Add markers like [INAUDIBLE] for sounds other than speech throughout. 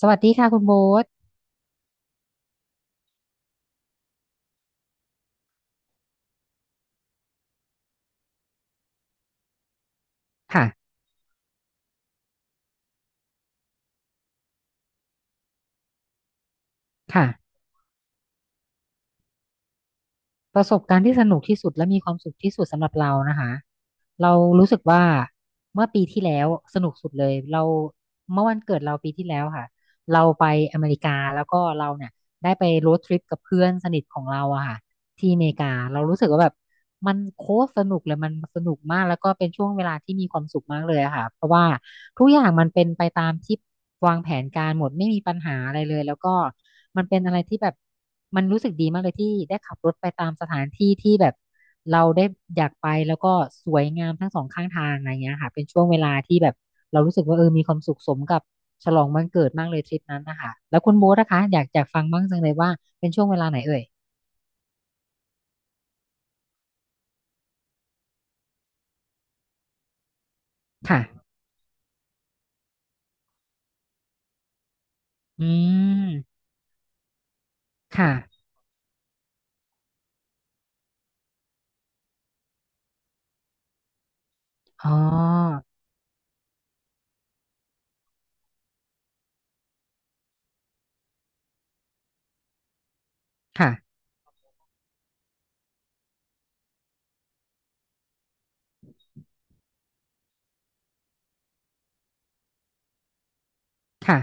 สวัสดีค่ะคุณโบ๊ทค่ะค่ะประสบการณ์ที่สนุกที่สุดและมีความสุขที่สุดสำหรับเรานะคะเรารู้สึกว่าเมื่อปีที่แล้วสนุกสุดเลยเราเมื่อวันเกิดเราปีที่แล้วค่ะเราไปอเมริกาแล้วก็เราเนี่ยได้ไปโรดทริปกับเพื่อนสนิทของเราอะค่ะที่อเมริกาเรารู้สึกว่าแบบ มันโคตรสนุกเลยมันสนุกมากแล้วก็เป็นช่วงเวลาที่มีความสุขมากเลยอะค่ะเพราะว่าทุกอย่างมันเป็นไปตามที่วางแผนการหมดไม่มีปัญหาอะไรเลยแล้วก็มันเป็นอะไรที่แบบมันรู้สึกดีมากเลยที่ได้ขับรถไปตามสถานที่ที่แบบเราได้อยากไปแล้วก็สวยงามทั้งสองข้างทางอะไรเงี้ยค่ะเป็นช่วงเวลาที่แบบเรารู้สึกว่าเออมีความสุขสมกับฉลองวันเกิดมากเลยทริปนั้นนะคะแล้วคุณโบ๊ทนะคะอยากฟังบ้างจังเลยว่าเป็นช่วงเวลาไหนเอ่ยค่ะอืมค่ะ อ๋อค่ะค่ะ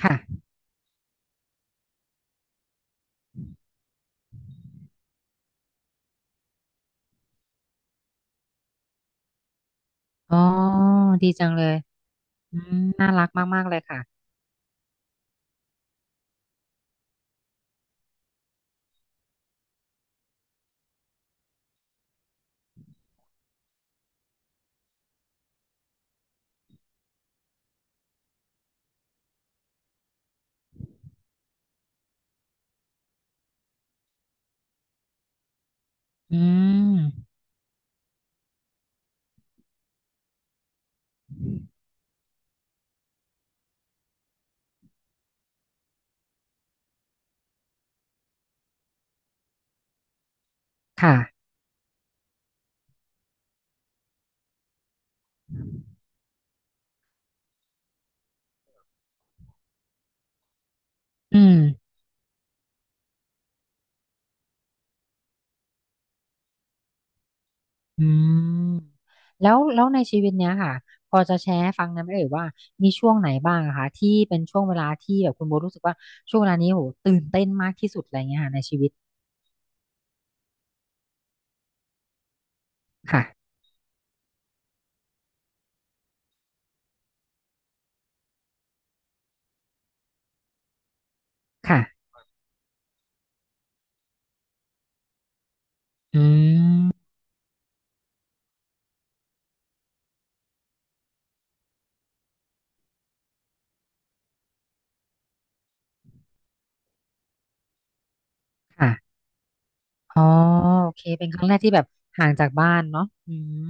ค่ะ อ๋อดีจังเลยอืมน่ารักมากๆเลยค่ะ อืมค่ะอืมอืมแล้วในชีวิตเนี้ยค่ะ พอจะแชร์ให้ฟังนะไหมเอ่ยว่า มีช่วงไหนบ้างอะคะที่เป็นช่วงเวลาที่แบบคุณโบรู้สึกว่าช่วงเวลานี้โหตื่นเต้นมากที่สุดอะไรเงี้ยค่ะในชีวิต ค่ะ ค่ะอืมค่ะอ๋อโอเคเป็นครั้งแรกที่แบบห่างจากบ้านเนาะอืม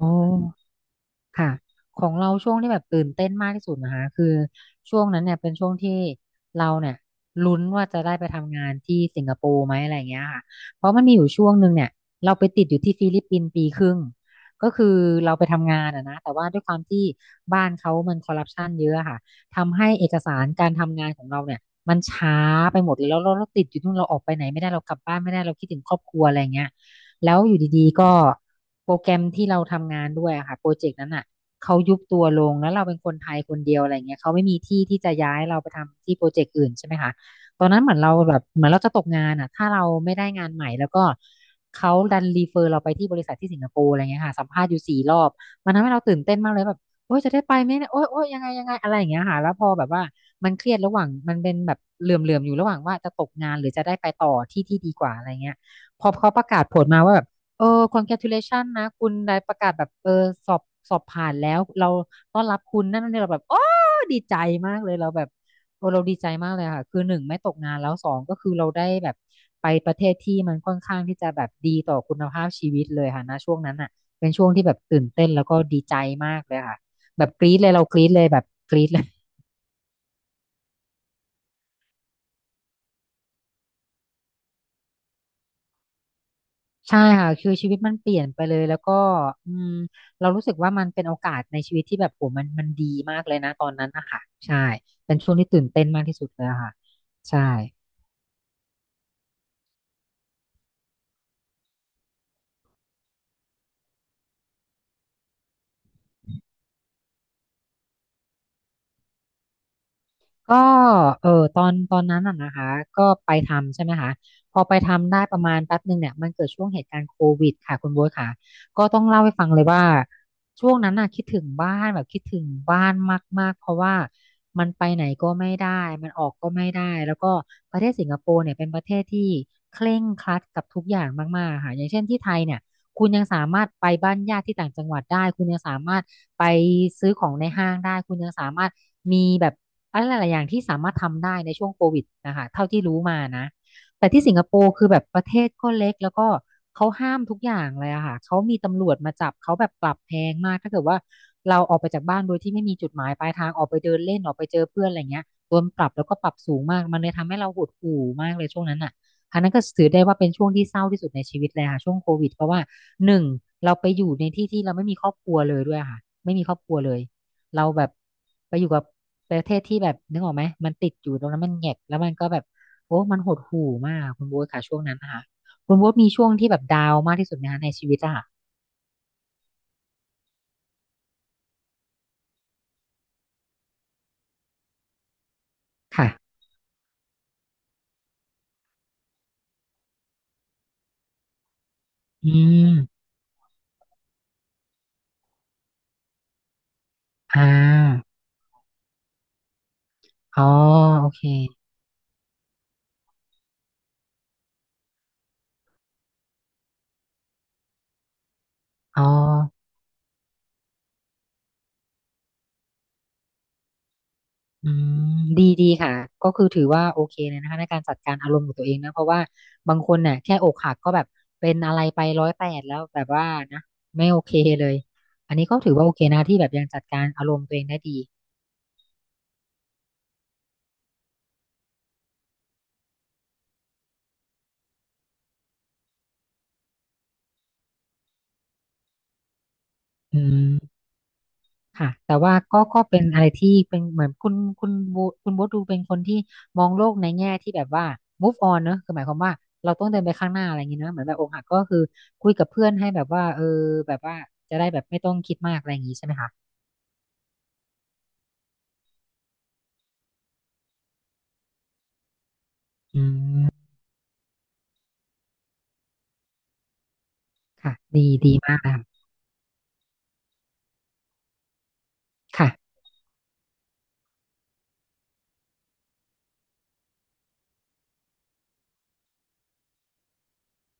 โอ้ ค่ะของเราช่วงที่แบบตื่นเต้นมากที่สุดนะคะคือช่วงนั้นเนี่ยเป็นช่วงที่เราเนี่ยลุ้นว่าจะได้ไปทำงานที่สิงคโปร์ไหมอะไรเงี้ยค่ะเพราะมันมีอยู่ช่วงหนึ่งเนี่ยเราไปติดอยู่ที่ฟิลิปปินส์ปีครึ่งก็คือเราไปทำงานอะนะแต่ว่าด้วยความที่บ้านเขามันคอร์รัปชันเยอะอะค่ะทำให้เอกสารการทำงานของเราเนี่ยมันช้าไปหมดเลยแล้วเราติดอยู่นู่นเราออกไปไหนไม่ได้เรากลับบ้านไม่ได้เราคิดถึงครอบครัวอะไรเงี้ยแล้วอยู่ดีๆก็ โปรแกรมที่เราทำงานด้วยอะค่ะโปรเจกต์นั้นอ่ะเขายุบตัวลงแล้วเราเป็นคนไทยคนเดียวอะไรเงี้ยเขาไม่มีที่ที่จะย้ายเราไปทำที่โปรเจกต์อื่นใช่ไหมคะตอนนั้นเหมือนเราแบบเหมือนเราจะตกงานอ่ะถ้าเราไม่ได้งานใหม่แล้วก็เขาดันรีเฟอร์เราไปที่บริษัทที่สิงคโปร์อะไรเงี้ยค่ะสัมภาษณ์อยู่สี่รอบมันทำให้เราตื่นเต้นมากเลยแบบโอ๊ยจะได้ไปไหมเนี่ยโอ๊ยโอ๊ยยังไงยังไงอะไรอย่างเงี้ยค่ะแล้วพอแบบว่ามันเครียดระหว่างมันเป็นแบบเหลื่อมๆอยู่ระหว่างว่าจะตกงานหรือจะได้ไปต่อที่ที่ดีกว่าอะไรเงี้ยพอเขาประกาศผลมาว่าแบบ เออ congratulation นะคุณได้ประกาศแบบเออสอบสอบผ่านแล้วเราต้อนรับคุณนั่นนี่เราแบบโอ้ดีใจมากเลยเราแบบโอ้เราดีใจมากเลยค่ะคือหนึ่งไม่ตกงานแล้วสองก็คือเราได้แบบไปประเทศที่มันค่อนข้างที่จะแบบดีต่อคุณภาพชีวิตเลยค่ะนะช่วงนั้นอ่ะเป็นช่วงที่แบบตื่นเต้นแล้วก็ดีใจมากเลยค่ะแบบกรี๊ดเลยเรากรี๊ดเลยแบบกรี๊ดเลย ใช่ค่ะคือชีวิตมันเปลี่ยนไปเลยแล้วก็อืมเรารู้สึกว่ามันเป็นโอกาสในชีวิตที่แบบโหมันมันดีมากเลยนะตอนนั้นนะคะใช่เป็นช่วงที่ตื่นเต้นมากที่สุดเลยอะค่ะใช่ ก็เออตอนนั้นน่ะนะคะก็ไปทำใช่ไหมคะพอไปทำได้ประมาณแป๊บหนึ่งเนี่ยมันเกิดช่วงเหตุการณ์โควิดค่ะคุณโบ๊ทค่ะก็ต้องเล่าให้ฟังเลยว่าช่วงนั้นน่ะคิดถึงบ้านแบบคิดถึงบ้านมากๆเพราะว่ามันไปไหนก็ไม่ได้มันออกก็ไม่ได้แล้วก็ประเทศสิงคโปร์เนี่ยเป็นประเทศที่เคร่งครัดกับทุกอย่างมากๆค่ะอย่างเช่นที่ไทยเนี่ย คุณยังสามารถไปบ้านญาติที่ต่างจังหวัดได้คุณยังสามารถไปซื้อของในห้างได้คุณยังสามารถมีแบบอะไรหลายๆอย่างที่สามารถทำได้ในช่วงโควิดนะคะเท่าที่รู้มานะแต่ที่สิงคโปร์คือแบบประเทศก็เล็กแล้วก็เขาห้ามทุกอย่างเลยอะค่ะเขามีตำรวจมาจับเขาแบบปรับแพงมากถ้าเกิดว่าเราออกไปจากบ้านโดยที่ไม่มีจุดหมายปลายทางออกไปเดินเล่นออกไปเจอเพื่อนอะไรเงี้ยโดนปรับแล้วก็ปรับสูงมากมันเลยทำให้เราหดหู่มากเลยช่วงนั้นอะ อันนั้นก็ถือได้ว่าเป็นช่วงที่เศร้าที่สุดในชีวิตเลยค่ะช่วงโควิดเพราะว่าหนึ่งเราไปอยู่ในที่ที่เราไม่มีครอบครัวเลยด้วยค่ะไม่มีครอบครัวเลยเราแบบไปอยู่กับประเทศที่แบบนึกออกไหมมันติดอยู่ตรงนั้นมันแหงกแล้วมันก็แบบโอ้มันหดหู่มากคุณโบ๊ทค่ะช่วงนั้นนะคะคุณโบ๊ทมีช่วงที่แบบดาวน์มากที่สุดไหมคะในชีวิตอะค่ะค่ะอืมอ่าอ๋อโอเคอ๋อ อืมดีดีค่ะก็คือถือว่าโอเคเลยนะคะในการจัดการอารมณ์ของตัวเองนะเพราะว่าบางคนเนี่ยแค่อกหักก็แบบเป็นอะไรไปร้อยแปดแล้วแบบว่านะไม่โอเคเลยอันนี้ก็ถือว่าโอเคนะที่แบบยังจัดการอารมณ์ตัวเองได้ดีอืมค่ะแต่ว่าก็เป็นอะไรที่เป็นเหมือนคุณโบคุณโบทดูเป็นคนที่มองโลกในแง่ที่แบบว่า move on เนอะคือหมายความว่าเราต้องเดินไปข้างหน้าอะไรอย่างงี้เนอะเหมือนแบบอกหักก็คือคุยกับเพื่อนให้แบบว่าเออแบบว่าจะได้แบบไม่ต้องคิดมากอะไรอย่างงี้ใช่ไหมคะอื ค่ะ ดี ดีมากเลยค่ะค่ะ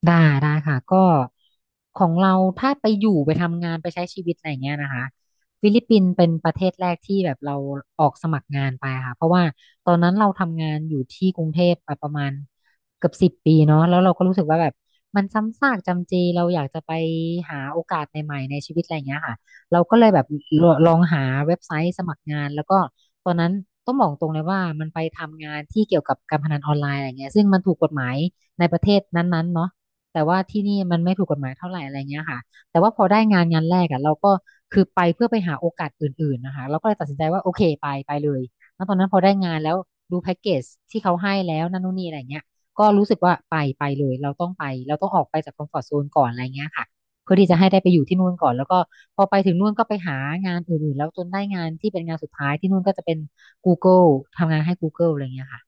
ได้ได้ค่ะก็ของเราถ้าไปอยู่ไปทำงานไปใช้ชีวิตอะไร่เงี้ยนะคะฟิลิปปินส์เป็นประเทศแรกที่แบบเราออกสมัครงานไปค่ะเพราะว่าตอนนั้นเราทำงานอยู่ที่กรุงเทพมาประมาณเกือบสิบปีเนาะแล้วเราก็รู้สึกว่าแบบมันซ้ำซากจำเจเราอยากจะไปหาโอกาสใหม่ๆในชีวิตอะไรเงี้ยค่ะเราก็เลยแบบองหาเว็บไซต์สมัครงานแล้วก็ตอนนั้นต้องบอกตรงเลยว่ามันไปทำงานที่เกี่ยวกับการพนันออนไลน์อะไรเงี้ยซึ่งมันถูกกฎหมายในประเทศนั้นๆเนาะ แต่ว่าที่นี่มันไม่ถูกกฎหมายเท่าไหร่อะไรเงี้ยค่ะแต่ว่าพอได้งานงานแรกอ่ะเราก็คือไปเพื่อไปหาโอกาสอื่นๆนะคะเราก็เลยตัดสินใจว่าโอเคไปไปเลยแล้วตอนนั้นพอได้งานแล้วดูแพ็กเกจที่เขาให้แล้วนั่นนู่นนี่อะไรเงี้ยก็รู้สึกว่าไปไปเลยเราต้องไปเราต้องออกไปจากคอมฟอร์ z โซนก่อนอะไรเงี้ยค่ะเพื่อที่จะให้ได้ไปอยู่ที่นู่นก่อนแล้วก็พอไปถึงนู่นก็ไปหางานอื่นๆแล้วจนได้งานที่เป็นงานสุดท้ายที่นู่นก็จะเป็น Google ทำงานให้ Google อะไรเงี้ยค่ะ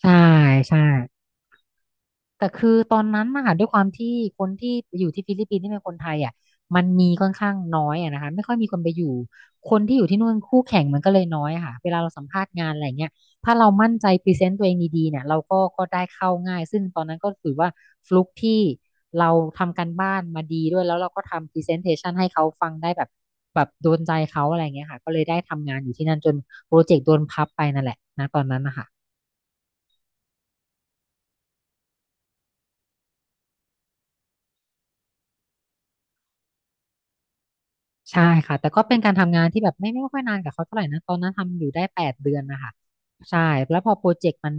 ใช่ใช่ แต่คือตอนนั้นนะคะด้วยความที่คนที่อยู่ที่ฟิลิปปินส์ที่เป็นคนไทยอ่ะมันมีค่อนข้างน้อยอะนะคะไม่ค่อยมีคนไปอยู่คนที่อยู่ที่นู่นคู่แข่งมันก็เลยน้อยอะค่ะเวลาเราสัมภาษณ์งานอะไรเงี้ยถ้าเรามั่นใจพรีเซนต์ตัวเองดีๆเนี่ยเราก็ได้เข้าง่ายซึ่งตอนนั้นก็ถือว่าฟลุกที่เราทำการบ้านมาดีด้วยแล้วเราก็ทำพรีเซนเทชันให้เขาฟังได้แบบแบบโดนใจเขาอะไรเงี้ยค่ะก็เลยได้ทำงานอยู่ที่นั่นจนโปรเจกต์โดนพับไปนั่นแหละนะตอนนั้นนะคะ ใช่ค่ะแต่ก็เป็นการทำงานที่แบบไม่ค่อยนานกับเขาเท่าไหร่นะตอนนั้นทำอยู่ได้แปดเดือนนะคะใช่แล้วพอโปรเจกต์มัน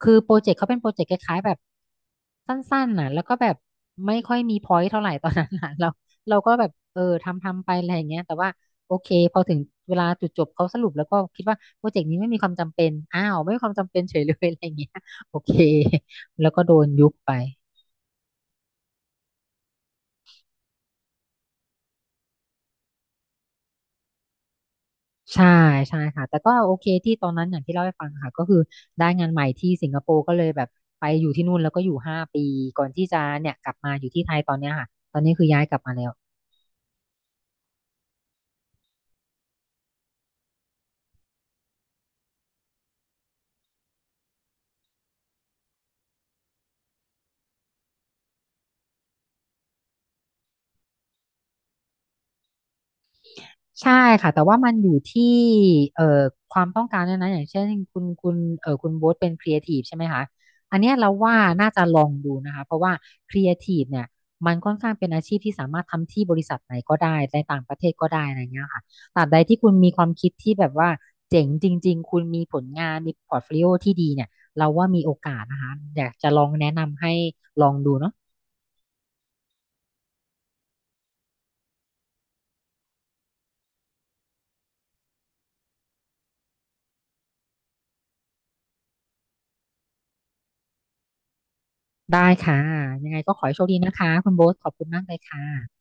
คือโปรเจกต์เขาเป็นโปรเจกต์คล้ายๆแบบสั้นๆน่ะแล้วก็แบบไม่ค่อยมีพอยต์เท่าไหร่ [LAUGHS] ตอนนั้นน่ะเราเราก็แบบเออทำไปอะไรอย่างเงี้ยแต่ว่าโอเคพอถึงเวลาจุดจบเขาสรุปแล้วก็คิดว่าโปรเจกต์นี้ไม่มีความจำเป็นอ้าวไม่มีความจำเป็นเฉยเลยอะไรอย่างเงี้ยโอเคแล้วก็โดนยุบไป ใช่ใช่ค่ะแต่ก็โอเคที่ตอนนั้นอย่างที่เล่าให้ฟังค่ะก็คือได้งานใหม่ที่สิงคโปร์ก็เลยแบบไปอยู่ที่นู่นแล้วก็อยู่ห้าปีก่อนที่จะเนี่ยกลับมาอยู่ที่ไทยตอนเนี้ยค่ะตอนนี้คือย้ายกลับมาแล้ว ใช่ค่ะแต่ว่ามันอยู่ที่เอ่อความต้องการด้วยนะอย่างเช่นคุณโบ๊ทเป็นครีเอทีฟใช่ไหมคะอันเนี้ยเราว่าน่าจะลองดูนะคะเพราะว่าครีเอทีฟเนี่ยมันค่อนข้างเป็นอาชีพที่สามารถทำที่บริษัทไหนก็ได้ในต่างประเทศก็ได้อะไรเงี้ยค่ะตราบใดที่คุณมีความคิดที่แบบว่าเจ๋งจริงๆคุณมีผลงานมีพอร์ตโฟลิโอที่ดีเนี่ยเราว่ามีโอกาสนะคะอยากจะลองแนะนำให้ลองดูเนาะได้ค่ะยังไงก็ขอให้โชคดีนะคะคุณโบ๊ทขอบคุณมากเลยค่ะ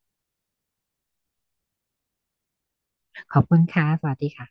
ขอบคุณค่ะสวัสดีค่ะ